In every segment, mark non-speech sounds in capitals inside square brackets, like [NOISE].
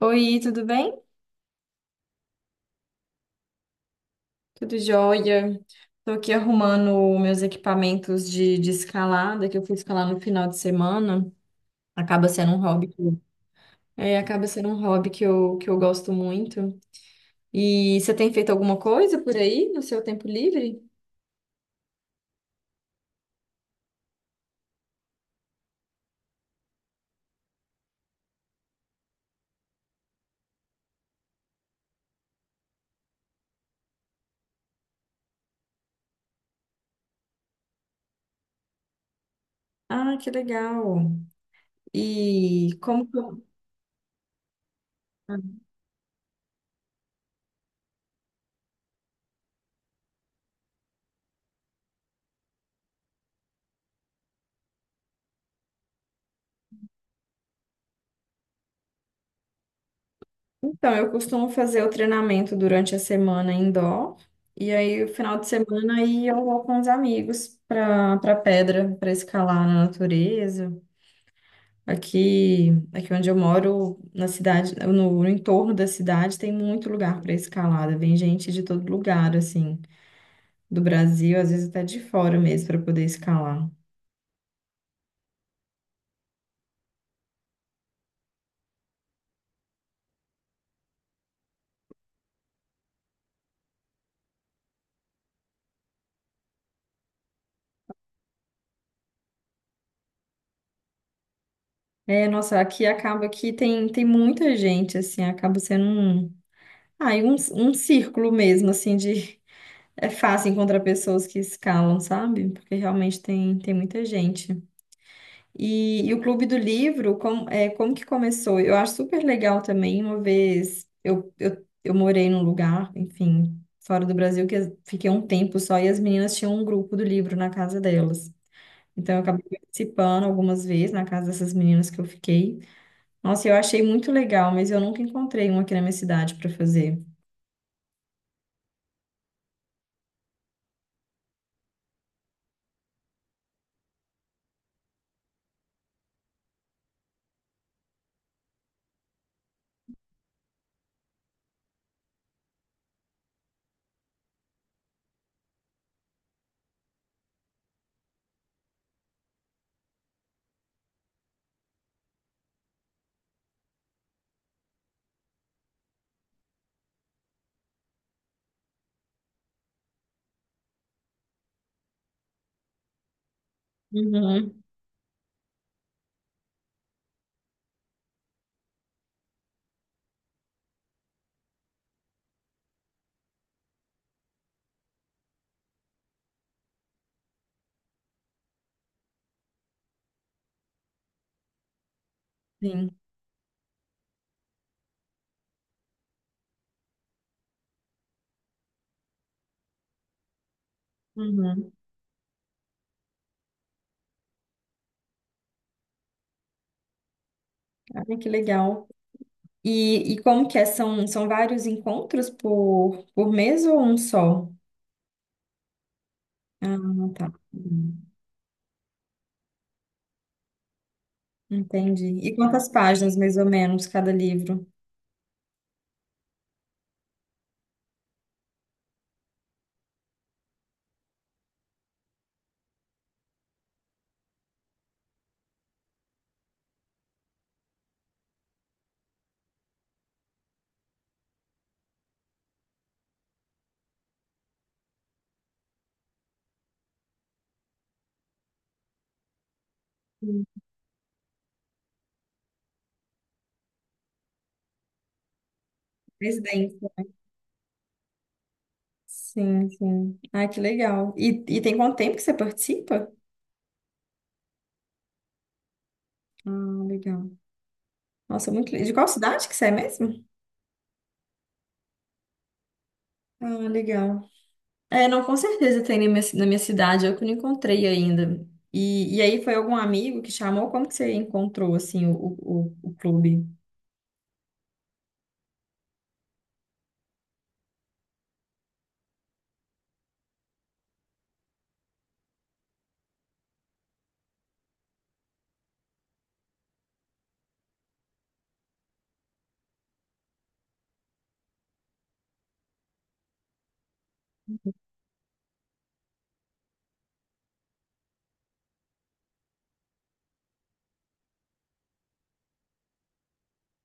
Oi, tudo bem? Tudo jóia. Estou aqui arrumando meus equipamentos de escalada, que eu fui escalar no final de semana. Acaba sendo um hobby que acaba sendo um hobby que eu gosto muito. E você tem feito alguma coisa por aí no seu tempo livre? Ah, que legal. E como que eu- Então, eu costumo fazer o treinamento durante a semana indoor, e aí o final de semana aí eu vou com os amigos para pedra, para escalar na natureza. Aqui onde eu moro, na cidade, no entorno da cidade, tem muito lugar para escalada. Vem gente de todo lugar, assim, do Brasil, às vezes até de fora mesmo, para poder escalar. É, nossa, aqui acaba que tem muita gente, assim, acaba sendo um, ah, e um círculo mesmo, assim, de é fácil encontrar pessoas que escalam, sabe? Porque realmente tem muita gente. E o Clube do Livro, como, é, como que começou? Eu acho super legal também, uma vez eu morei num lugar, enfim, fora do Brasil, que as- fiquei um tempo só, e as meninas tinham um grupo do livro na casa delas. Então eu acabei participando algumas vezes na casa dessas meninas que eu fiquei. Nossa, eu achei muito legal, mas eu nunca encontrei um aqui na minha cidade para fazer. Uhum. Sim. Uhum. Ai, que legal. E como que é? São, são vários encontros por mês ou um só? Ah, tá. Entendi. E quantas páginas, mais ou menos, cada livro? Hum, Mais denso. Sim, sim. Ah, que legal. E tem quanto tempo que você participa? Ah, legal. Nossa, muito legal. De qual cidade que você é mesmo? Ah, legal. É, não, com certeza tem na minha cidade, eu que não encontrei ainda. E aí foi algum amigo que chamou? Como que você encontrou, assim, o, o clube?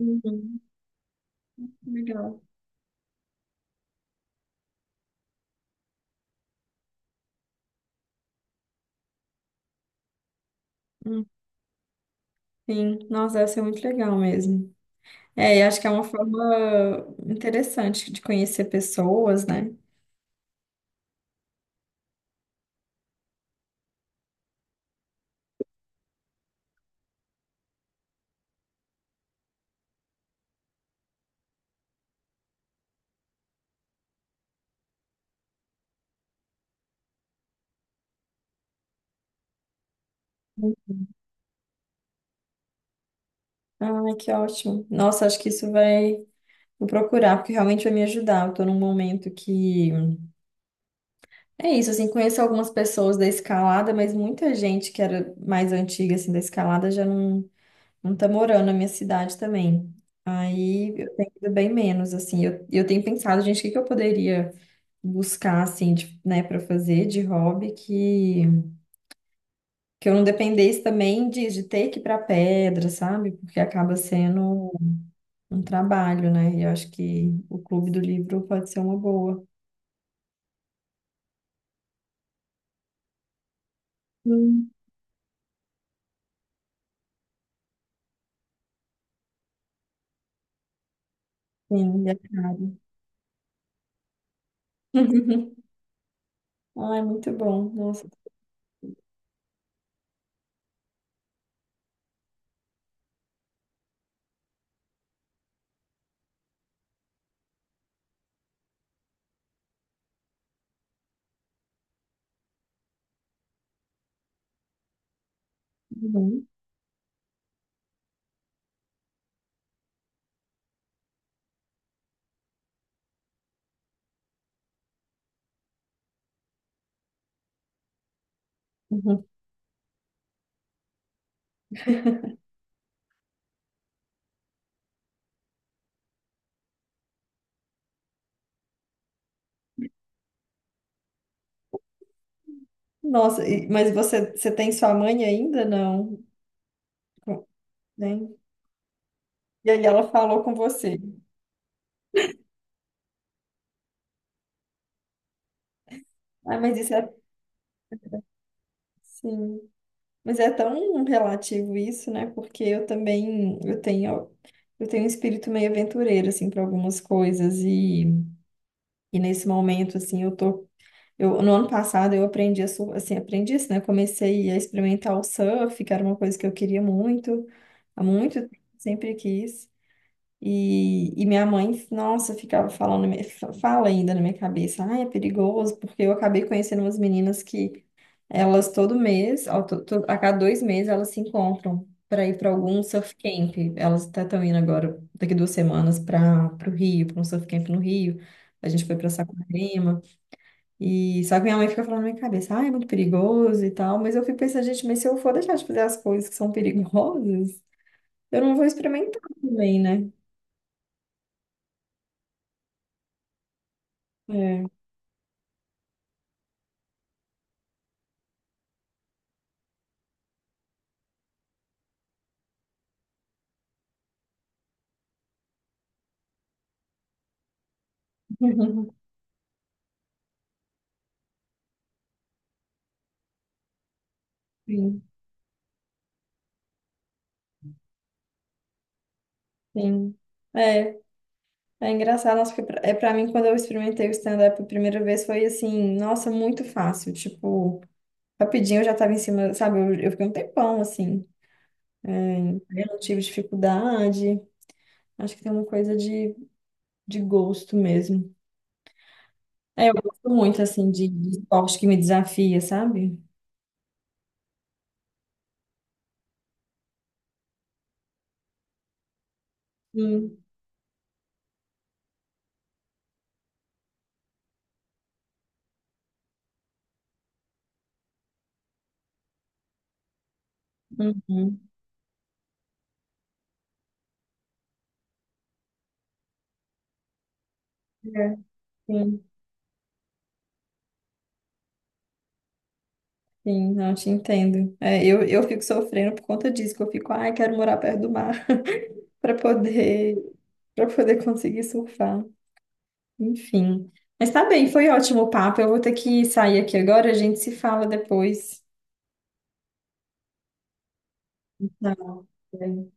Uhum, legal. Hum, Sim, nossa, deve ser muito legal mesmo. É, eu acho que é uma forma interessante de conhecer pessoas, né? Ai, que ótimo. Nossa, acho que isso vai. Vou procurar, porque realmente vai me ajudar. Eu tô num momento que. É isso, assim, conheço algumas pessoas da escalada, mas muita gente que era mais antiga, assim, da escalada já não tá morando na minha cidade também. Aí eu tenho ido bem menos, assim. Eu tenho pensado, gente, o que que eu poderia buscar, assim, de- né, pra fazer de hobby que. Que eu não dependesse também de ter que ir para pedra, sabe? Porque acaba sendo um trabalho, né? E eu acho que o Clube do Livro pode ser uma boa. Hum. Sim, e é caro. [LAUGHS] Ai, muito bom. Nossa, tudo bom. Uhum. Nossa, e- mas você tem sua mãe ainda? Não. Tem? E aí ela falou com você. Ah, mas isso é sim. Mas é tão relativo isso, né? Porque eu também eu tenho um espírito meio aventureiro assim para algumas coisas e nesse momento assim eu tô eu no ano passado eu aprendi a sur- assim aprendi isso, né? Comecei a experimentar o surf, que era uma coisa que eu queria muito, há muito tempo, sempre quis. E minha mãe, nossa, ficava falando, na minha- fala ainda na minha cabeça, ai, é perigoso, porque eu acabei conhecendo umas meninas que elas todo mês, ó, to- to- a cada dois meses, elas se encontram para ir para algum surf camp. Elas até estão indo agora, daqui duas semanas, para o Rio, para um surf camp no Rio. A gente foi para Saquarema. E só que minha mãe fica falando na minha cabeça, ah, é muito perigoso e tal. Mas eu fico pensando, gente, mas se eu for deixar de fazer as coisas que são [LAUGHS] perigosas, eu não vou experimentar também, né? É. [LAUGHS] Sim, sim. É, é engraçado, nossa, porque pra- é para mim quando eu experimentei o stand-up a primeira vez foi assim, nossa, muito fácil, tipo, rapidinho eu já tava em cima, sabe? Eu fiquei um tempão assim, eu não tive dificuldade. Acho que tem uma coisa de gosto mesmo. É, eu gosto muito assim de esporte que me desafia, sabe? Sim, uhum. É, sim, sim, não te entendo. É, eu fico sofrendo por conta disso, que eu fico, ai, quero morar perto do mar [LAUGHS] para poder para poder conseguir surfar. Enfim. Mas tá bem, foi ótimo o papo. Eu vou ter que sair aqui agora, a gente se fala depois. Tá. Bem.